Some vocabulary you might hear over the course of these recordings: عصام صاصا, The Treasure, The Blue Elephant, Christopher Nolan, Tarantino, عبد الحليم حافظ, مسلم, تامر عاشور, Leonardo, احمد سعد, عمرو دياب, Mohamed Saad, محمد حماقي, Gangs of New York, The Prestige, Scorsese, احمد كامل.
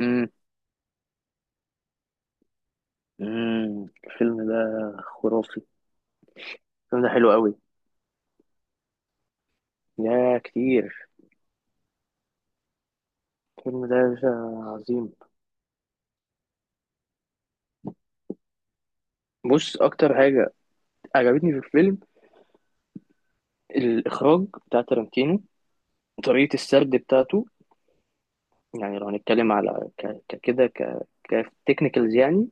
امم الفيلم ده خرافي. الفيلم ده حلو قوي، يا كتير. الفيلم ده يا باشا عظيم. بص اكتر حاجه عجبتني في الفيلم، الاخراج بتاع تارانتينو، طريقه السرد بتاعته. يعني لو هنتكلم على ك- ك- كده ك كتكنيكالز يعني،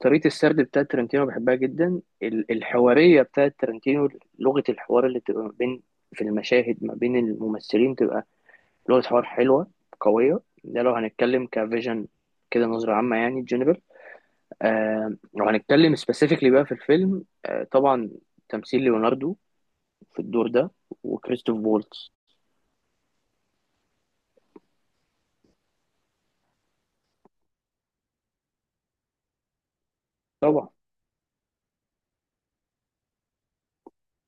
طريقه السرد بتاعه تارانتينو بحبها جدا. الحواريه بتاعه تارانتينو، لغه الحوار اللي بتبقى ما بين، في المشاهد ما بين الممثلين، تبقى لغة حوار حلوة قوية. ده لو هنتكلم كفيجن كده، نظرة عامة يعني جنرال. لو هنتكلم سبيسيفيكلي بقى في الفيلم، آه طبعا تمثيل ليوناردو في الدور ده، وكريستوف فولتز. طبعا،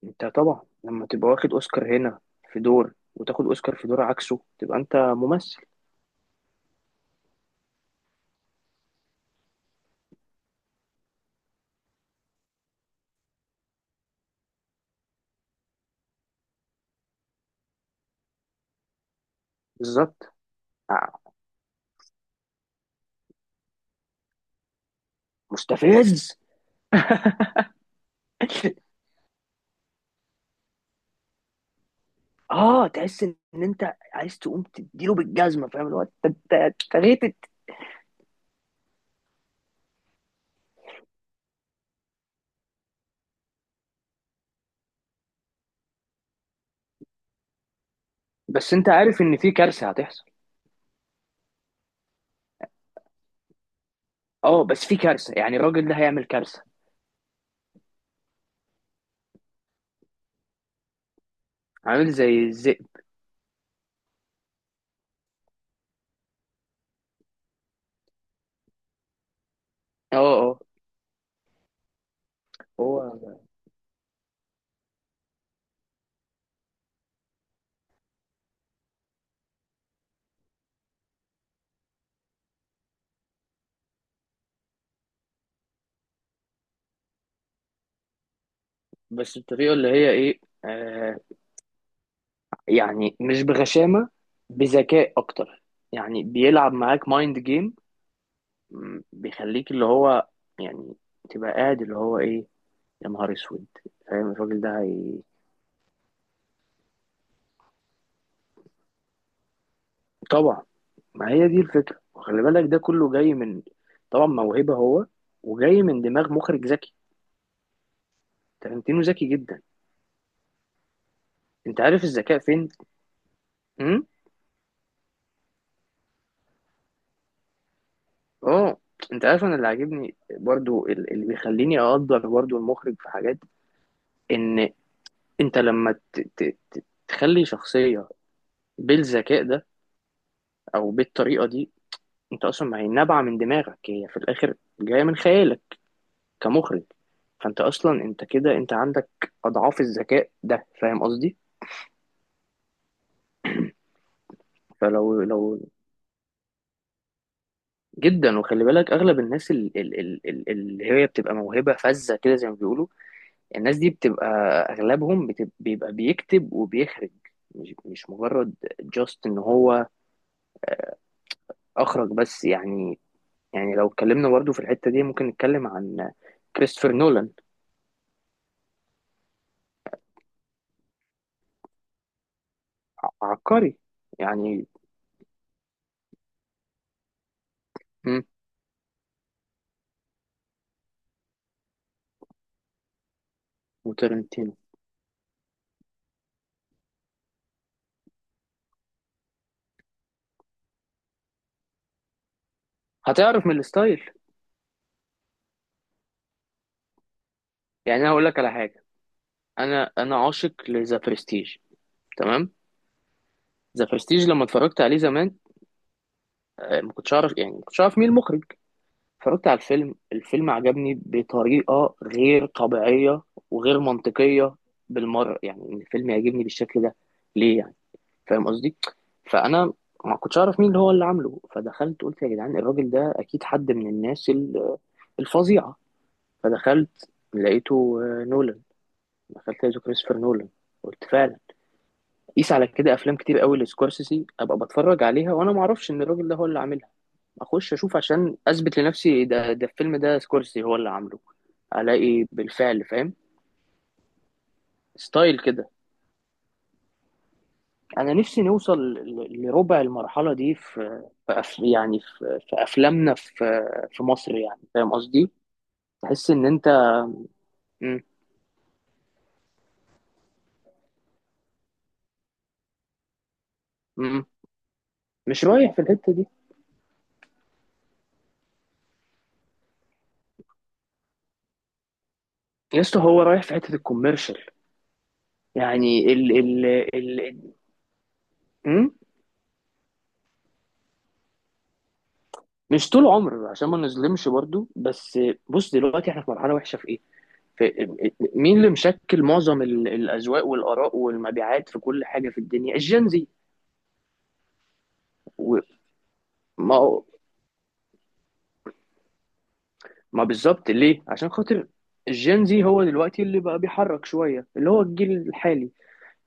انت طبعا لما تبقى واخد اوسكار هنا في دور وتاخد اوسكار في دور عكسه، تبقى انت ممثل. بالظبط. آه، مستفز اه، تحس ان انت عايز تقوم تديله بالجزمه، فاهم الوقت انت أنت- أنت غيتت. بس انت عارف ان في كارثه هتحصل. اه، بس في كارثه، يعني الراجل ده هيعمل كارثه. عامل زي الذئب. اه اه. هو بس الطريقه اللي هي ايه، آه، يعني مش بغشامه، بذكاء اكتر، يعني بيلعب معاك مايند جيم. بيخليك اللي هو يعني تبقى قاعد اللي هو ايه، يا نهار اسود، فاهم الراجل ده هي... طبعا. ما هي دي الفكره، وخلي بالك ده كله جاي من، طبعا موهبه هو، وجاي من دماغ مخرج ذكي. تارنتينو ذكي جدا. انت عارف الذكاء فين؟ اه. انت عارف انا اللي عاجبني برضو اللي بيخليني اقدر برضو المخرج في حاجات، ان انت لما تخلي شخصية بالذكاء ده او بالطريقة دي، انت اصلا ما هي نابعة من دماغك، هي في الاخر جاية من خيالك كمخرج. فانت اصلا انت كده انت عندك اضعاف الذكاء ده، فاهم قصدي. فلو جدا. وخلي بالك اغلب الناس اللي هي بتبقى موهبة فذة كده زي ما بيقولوا، الناس دي بتبقى اغلبهم بتبقى بيكتب وبيخرج، مش مجرد جاست ان هو اخرج بس، يعني. يعني لو اتكلمنا برضه في الحتة دي، ممكن نتكلم عن كريستوفر نولان. عبقري يعني. مم، وترنتينو. هتعرف من الستايل. يعني انا هقول لك على حاجة، انا عاشق لذا برستيج، تمام؟ ذا برستيج لما اتفرجت عليه زمان، آه، ما كنتش اعرف، يعني ما كنتش اعرف مين المخرج. اتفرجت على الفيلم، الفيلم عجبني بطريقة غير طبيعية وغير منطقية بالمرة، يعني ان الفيلم يعجبني بالشكل ده ليه يعني؟ فاهم قصدي. فانا ما كنتش اعرف مين اللي هو اللي عامله، فدخلت قلت يا جدعان الراجل ده اكيد حد من الناس الفظيعة. فدخلت لقيته آه، نولان. دخلت لقيته كريستوفر نولان، قلت فعلا. قيس على كده افلام كتير قوي لسكورسيسي ابقى بتفرج عليها وانا ما اعرفش ان الراجل ده هو اللي عاملها. اخش اشوف عشان اثبت لنفسي ده، الفيلم ده سكورسيسي هو اللي عامله. الاقي بالفعل، فاهم، ستايل كده. انا نفسي نوصل لربع المرحله دي في، في يعني في في افلامنا، في في مصر يعني، فاهم قصدي. تحس ان انت، مم. مم. مش رايح في الحته دي. يا اسطى هو رايح في حته الكوميرشال. يعني ال, ال... مش طول عمر عشان ما نظلمش برضو، بس بص دلوقتي احنا في مرحله وحشه في ايه، في مين اللي مشكل معظم الاذواق والاراء والمبيعات في كل حاجه في الدنيا، الجنزي. وما هو- ما بالظبط، ليه عشان خاطر الجنزي هو دلوقتي اللي بقى بيحرك شويه اللي هو الجيل الحالي.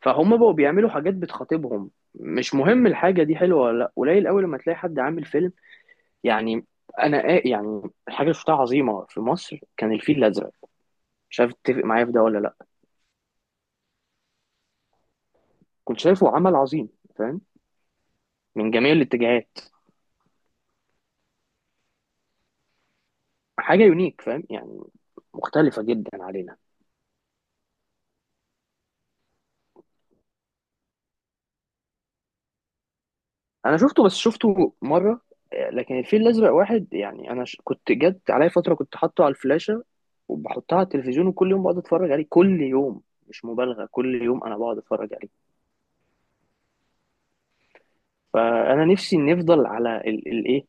فهم بقوا بيعملوا حاجات بتخاطبهم، مش مهم الحاجه دي حلوه ولا لا. قليل قوي لما تلاقي حد عامل فيلم يعني. يعني الحاجه اللي شفتها عظيمه في مصر كان الفيل الازرق، مش عارف تتفق معايا في ده ولا لا. كنت شايفه عمل عظيم، فاهم، من جميع الاتجاهات. حاجه يونيك فاهم يعني، مختلفه جدا علينا. انا شفته بس شفته مره، آه، لكن الفيل الازرق واحد يعني. كنت جت عليا فتره كنت حاطه على الفلاشه وبحطها على التلفزيون، وكل يوم بقعد اتفرج عليه، كل يوم. مش مبالغه، كل يوم انا بقعد اتفرج عليه. فانا نفسي نفضل على الايه،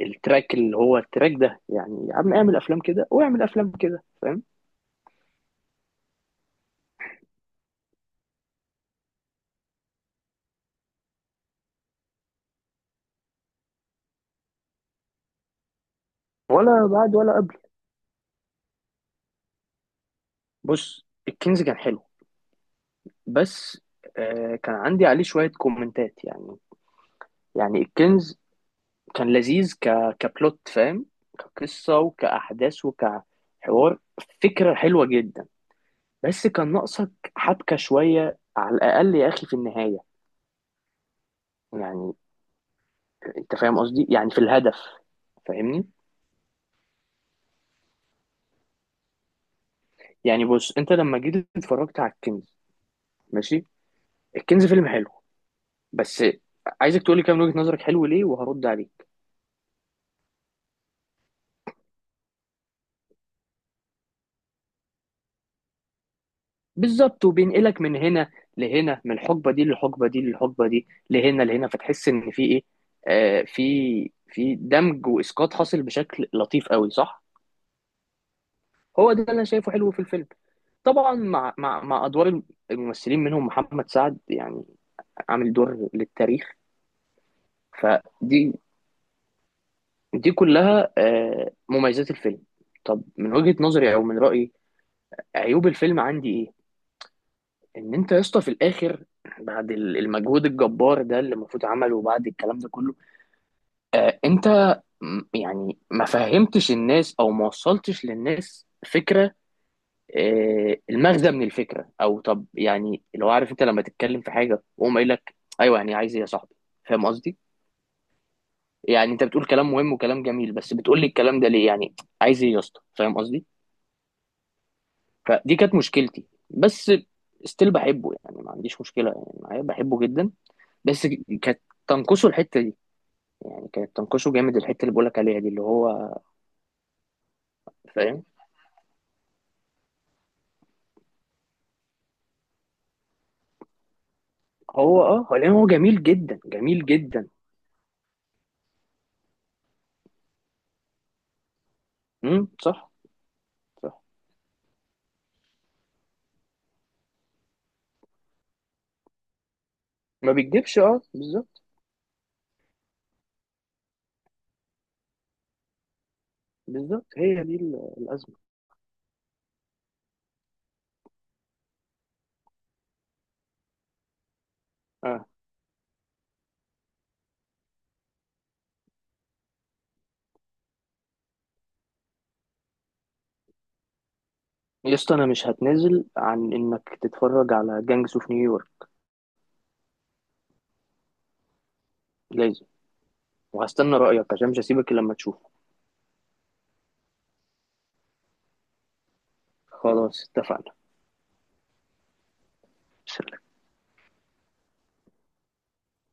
التراك، اللي هو التراك ده، يعني يا عم اعمل افلام كده واعمل افلام كده، فاهم. ولا بعد ولا قبل. بص الكنز كان حلو، بس آه، كان عندي عليه شوية كومنتات يعني. يعني الكنز كان لذيذ كبلوت فاهم، كقصة وكأحداث وكحوار، فكرة حلوة جدا. بس كان ناقصك حبكة شوية على الأقل يا أخي في النهاية، يعني. أنت فاهم قصدي، يعني في الهدف، فاهمني؟ يعني بص أنت لما جيت اتفرجت على الكنز، ماشي. الكنز فيلم حلو، بس عايزك تقولي كام وجهة نظرك، حلو ليه، وهرد عليك. بالظبط. وبينقلك من هنا لهنا، من الحقبه دي للحقبه دي للحقبه دي لهنا لهنا، فتحس ان في ايه، آه، في في دمج واسقاط حاصل بشكل لطيف قوي، صح. هو ده اللي انا شايفه حلو في الفيلم. طبعا مع ادوار الممثلين، منهم محمد سعد يعني، عامل دور للتاريخ. فدي، دي كلها آه مميزات الفيلم. طب من وجهة نظري او من رأيي، عيوب الفيلم عندي ايه، ان انت يا اسطى في الاخر، بعد المجهود الجبار ده اللي المفروض عمله، وبعد الكلام ده كله، انت، يعني ما فهمتش الناس، او ما وصلتش للناس فكره، آه، المغزى من الفكره. او طب يعني لو عارف انت لما تتكلم في حاجه وهم قايل لك، ايوه يعني عايز ايه يا صاحبي، فاهم قصدي. يعني انت بتقول كلام مهم وكلام جميل، بس بتقول لي الكلام ده ليه يعني، عايز ايه يا اسطى، فاهم قصدي. فدي كانت مشكلتي بس، ستيل بحبه يعني، ما عنديش مشكله يعني معايا، بحبه جدا. بس كانت تنقصه الحته دي، يعني كانت تنقصه جامد الحته اللي بقولك عليها دي اللي هو، فاهم. هو اه، هو لان هو جميل جدا، جميل جدا. امم، صح. صح. ما بيكدبش، اه بالظبط. بالظبط، هي دي الازمه. اه. يا اسطى انا مش هتنازل عن انك تتفرج على جانجس اوف نيويورك، لازم. وهستنى رايك عشان مش هسيبك إلا لما تشوفه. خلاص اتفقنا.